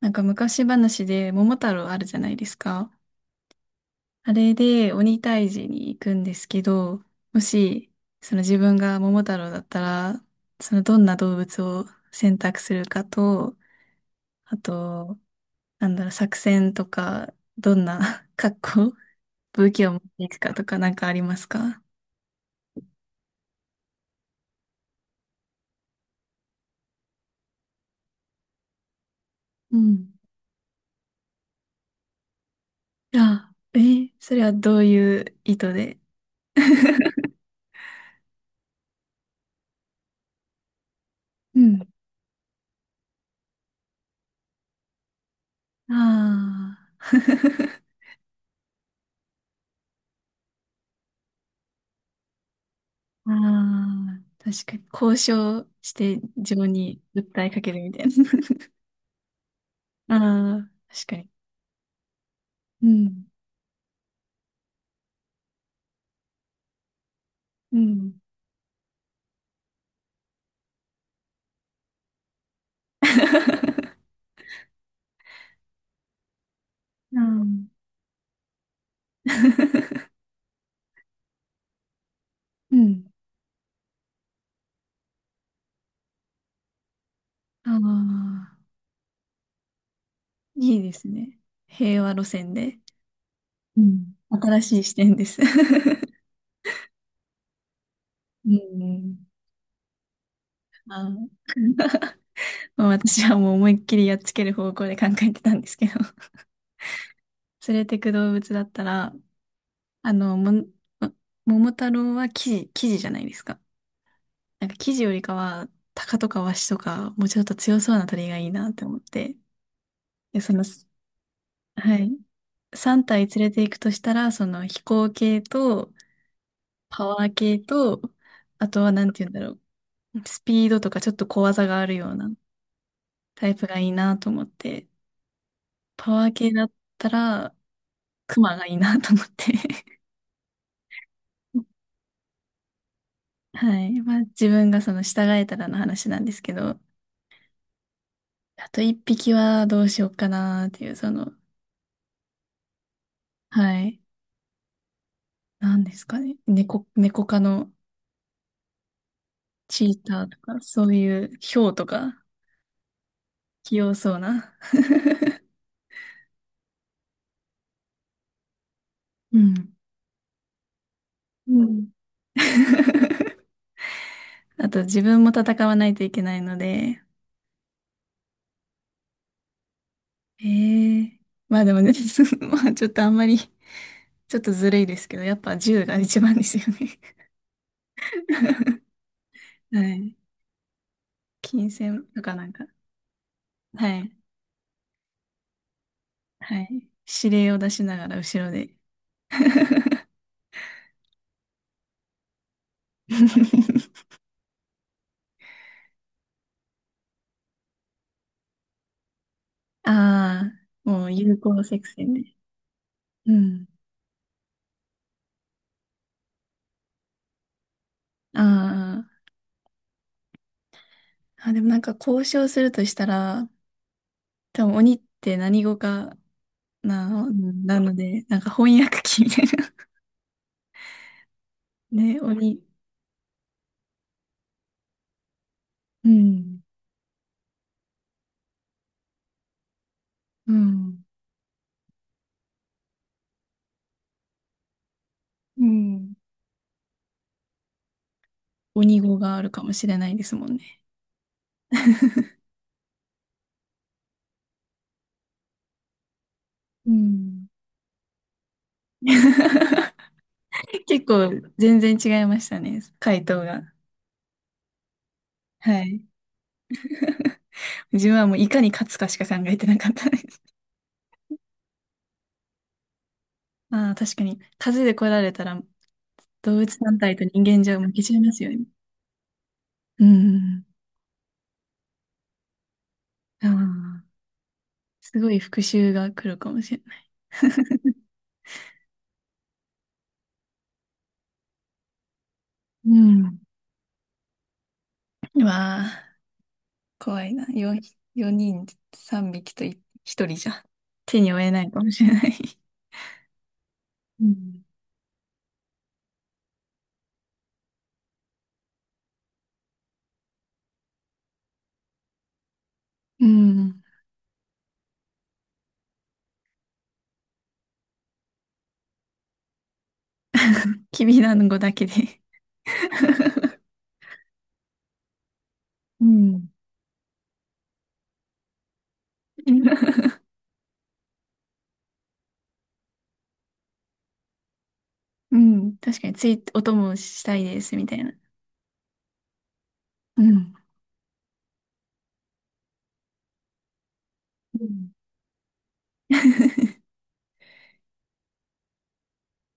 なんか昔話で桃太郎あるじゃないですか。あれで鬼退治に行くんですけど、もし、その自分が桃太郎だったら、そのどんな動物を選択するかと、あと、なんだろう、作戦とか、どんな 格好、武器を持っていくかとかなんかありますか？うん。いや、え、それはどういう意図で？ うん。ああ。ああ、確かに。交渉して自分に訴えかけるみたいな。ああ、確かに。うん。うん。うん。うん。ああ、いいですね。平和路線で。うん。新しい視点です。うん。あー まあ私はもう思いっきりやっつける方向で考えてたんですけど。連れてく動物だったら、あの、も、も桃太郎はキジ、キジじゃないですか。なんか生地よりかは、タカとかワシとか、もうちょっと強そうな鳥がいいなって思って。で、その、はい。3体連れて行くとしたら、その飛行系と、パワー系と、あとはなんて言うんだろう。スピードとかちょっと小技があるようなタイプがいいなと思って。パワー系だったら、クマがいいなと思って。はい。まあ自分がその従えたらの話なんですけど、あと一匹はどうしようかなっていう、その、はい。なんですかね。猫、猫科のチーターとか、そういうヒョウとか、器用そうな。うん。うん。 あと、自分も戦わないといけないので、ええ、まあでもね、まあちょっとあんまり、ちょっとずるいですけど、やっぱ銃が一番ですよね。はい。金銭とかなんか、はい。はい。指令を出しながら後ろで。ああ、もう有効作戦で。うん。ああ。あ、でもなんか交渉するとしたら、多分鬼って何語かな、なので、なんか翻訳機みたいな。ね、鬼。うん。うん。うん。鬼語があるかもしれないですもんね。うん。結構全然違いましたね、回答が。はい。自分はもういかに勝つかしか考えてなかったです。ああ、確かに。数で来られたら動物団体と人間じゃ負けちゃいますよね。うん。ああ。すごい復讐が来るかもしれない。うん。うわあ、怖いな。4、四人3匹と1、一人じゃ手に負えないかもしれない。うん。うん。きびだんごだけで。うん。うん。確かについ、お供したいです、みたいな。うん。うん。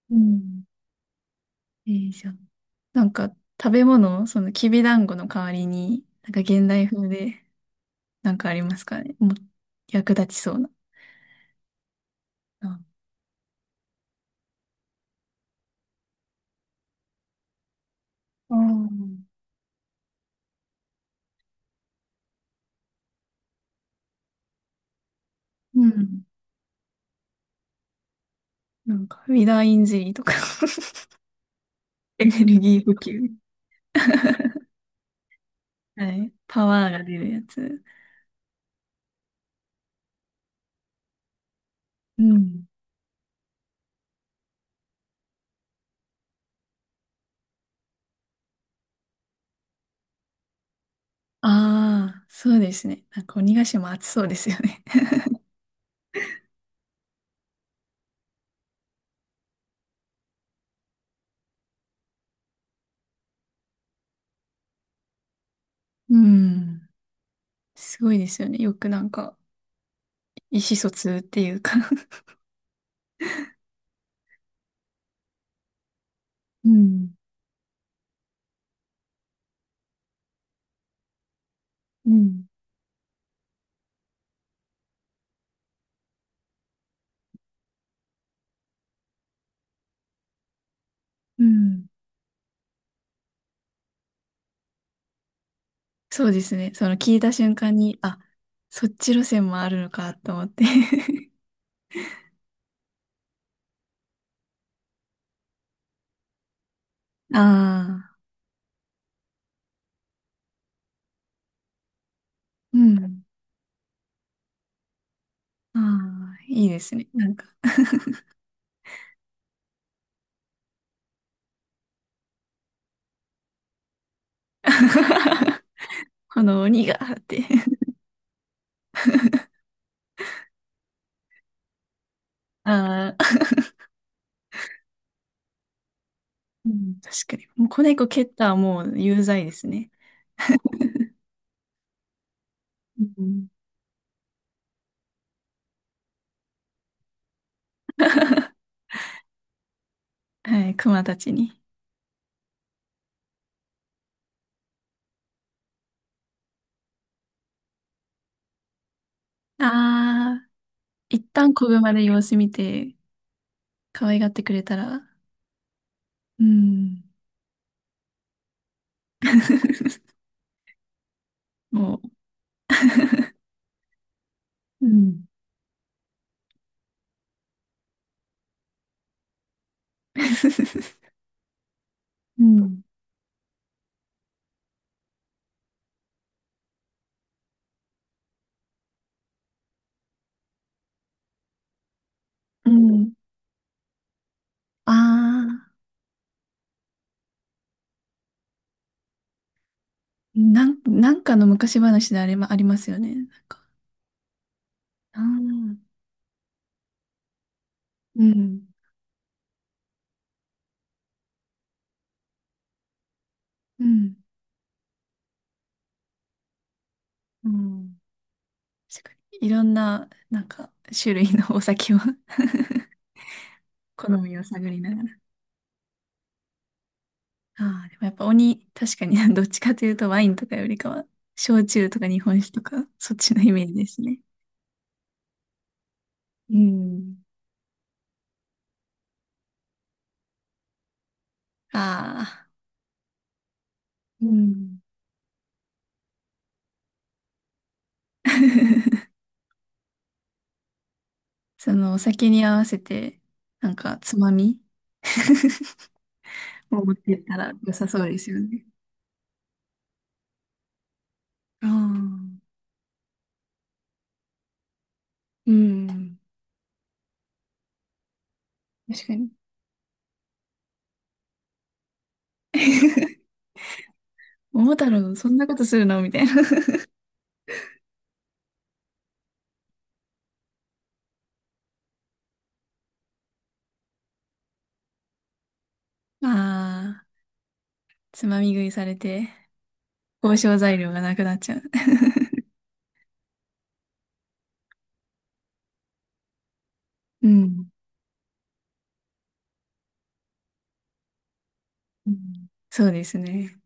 うん。いいじゃん。なんか、食べ物、そのきびだんごの代わりに、なんか現代風で、なんかありますかね。もう、役立ちそうな。ああ。うん。なんか、ウィダーインジェリーとか エネルギー補給。はい。パワーが出るやつ。うん。ああ、そうですね。なんか鬼ヶ島暑そうですよね。うん。すごいですよね。よくなんか、意思疎通っていうか。 うん。うん。うん。そうですね。その聞いた瞬間に、あ、そっち路線もあるのかと思って。 ああ、うん。ああ、いいですね。なんか。 あの、鬼がって。ああ。うん、確かに。もう子猫蹴ったはもう有罪ですね。うん。はい、熊たちに。ああ、一旦子熊で様子見て、可愛がってくれたら、うん。もう、うん。うん。うん。ああ、なんかの昔話であれもありますよね。なんか、ああ、うん。うん。うん。確かに。いろんな、なんか、種類のお酒を。 好みを探りながら。ああ、でもやっぱ鬼、確かに、 どっちかというとワインとかよりかは、焼酎とか日本酒とか、そっちのイメージですね。うん。ああ。うん。そのお酒に合わせて、なんかつまみ を持っていったら良さそうですよね。ああ。うん。確かに。桃太郎、そんなことするのみたいな。ああ、つまみ食いされて、交渉材料がなくなっちゃう。うん。うん。そうですね。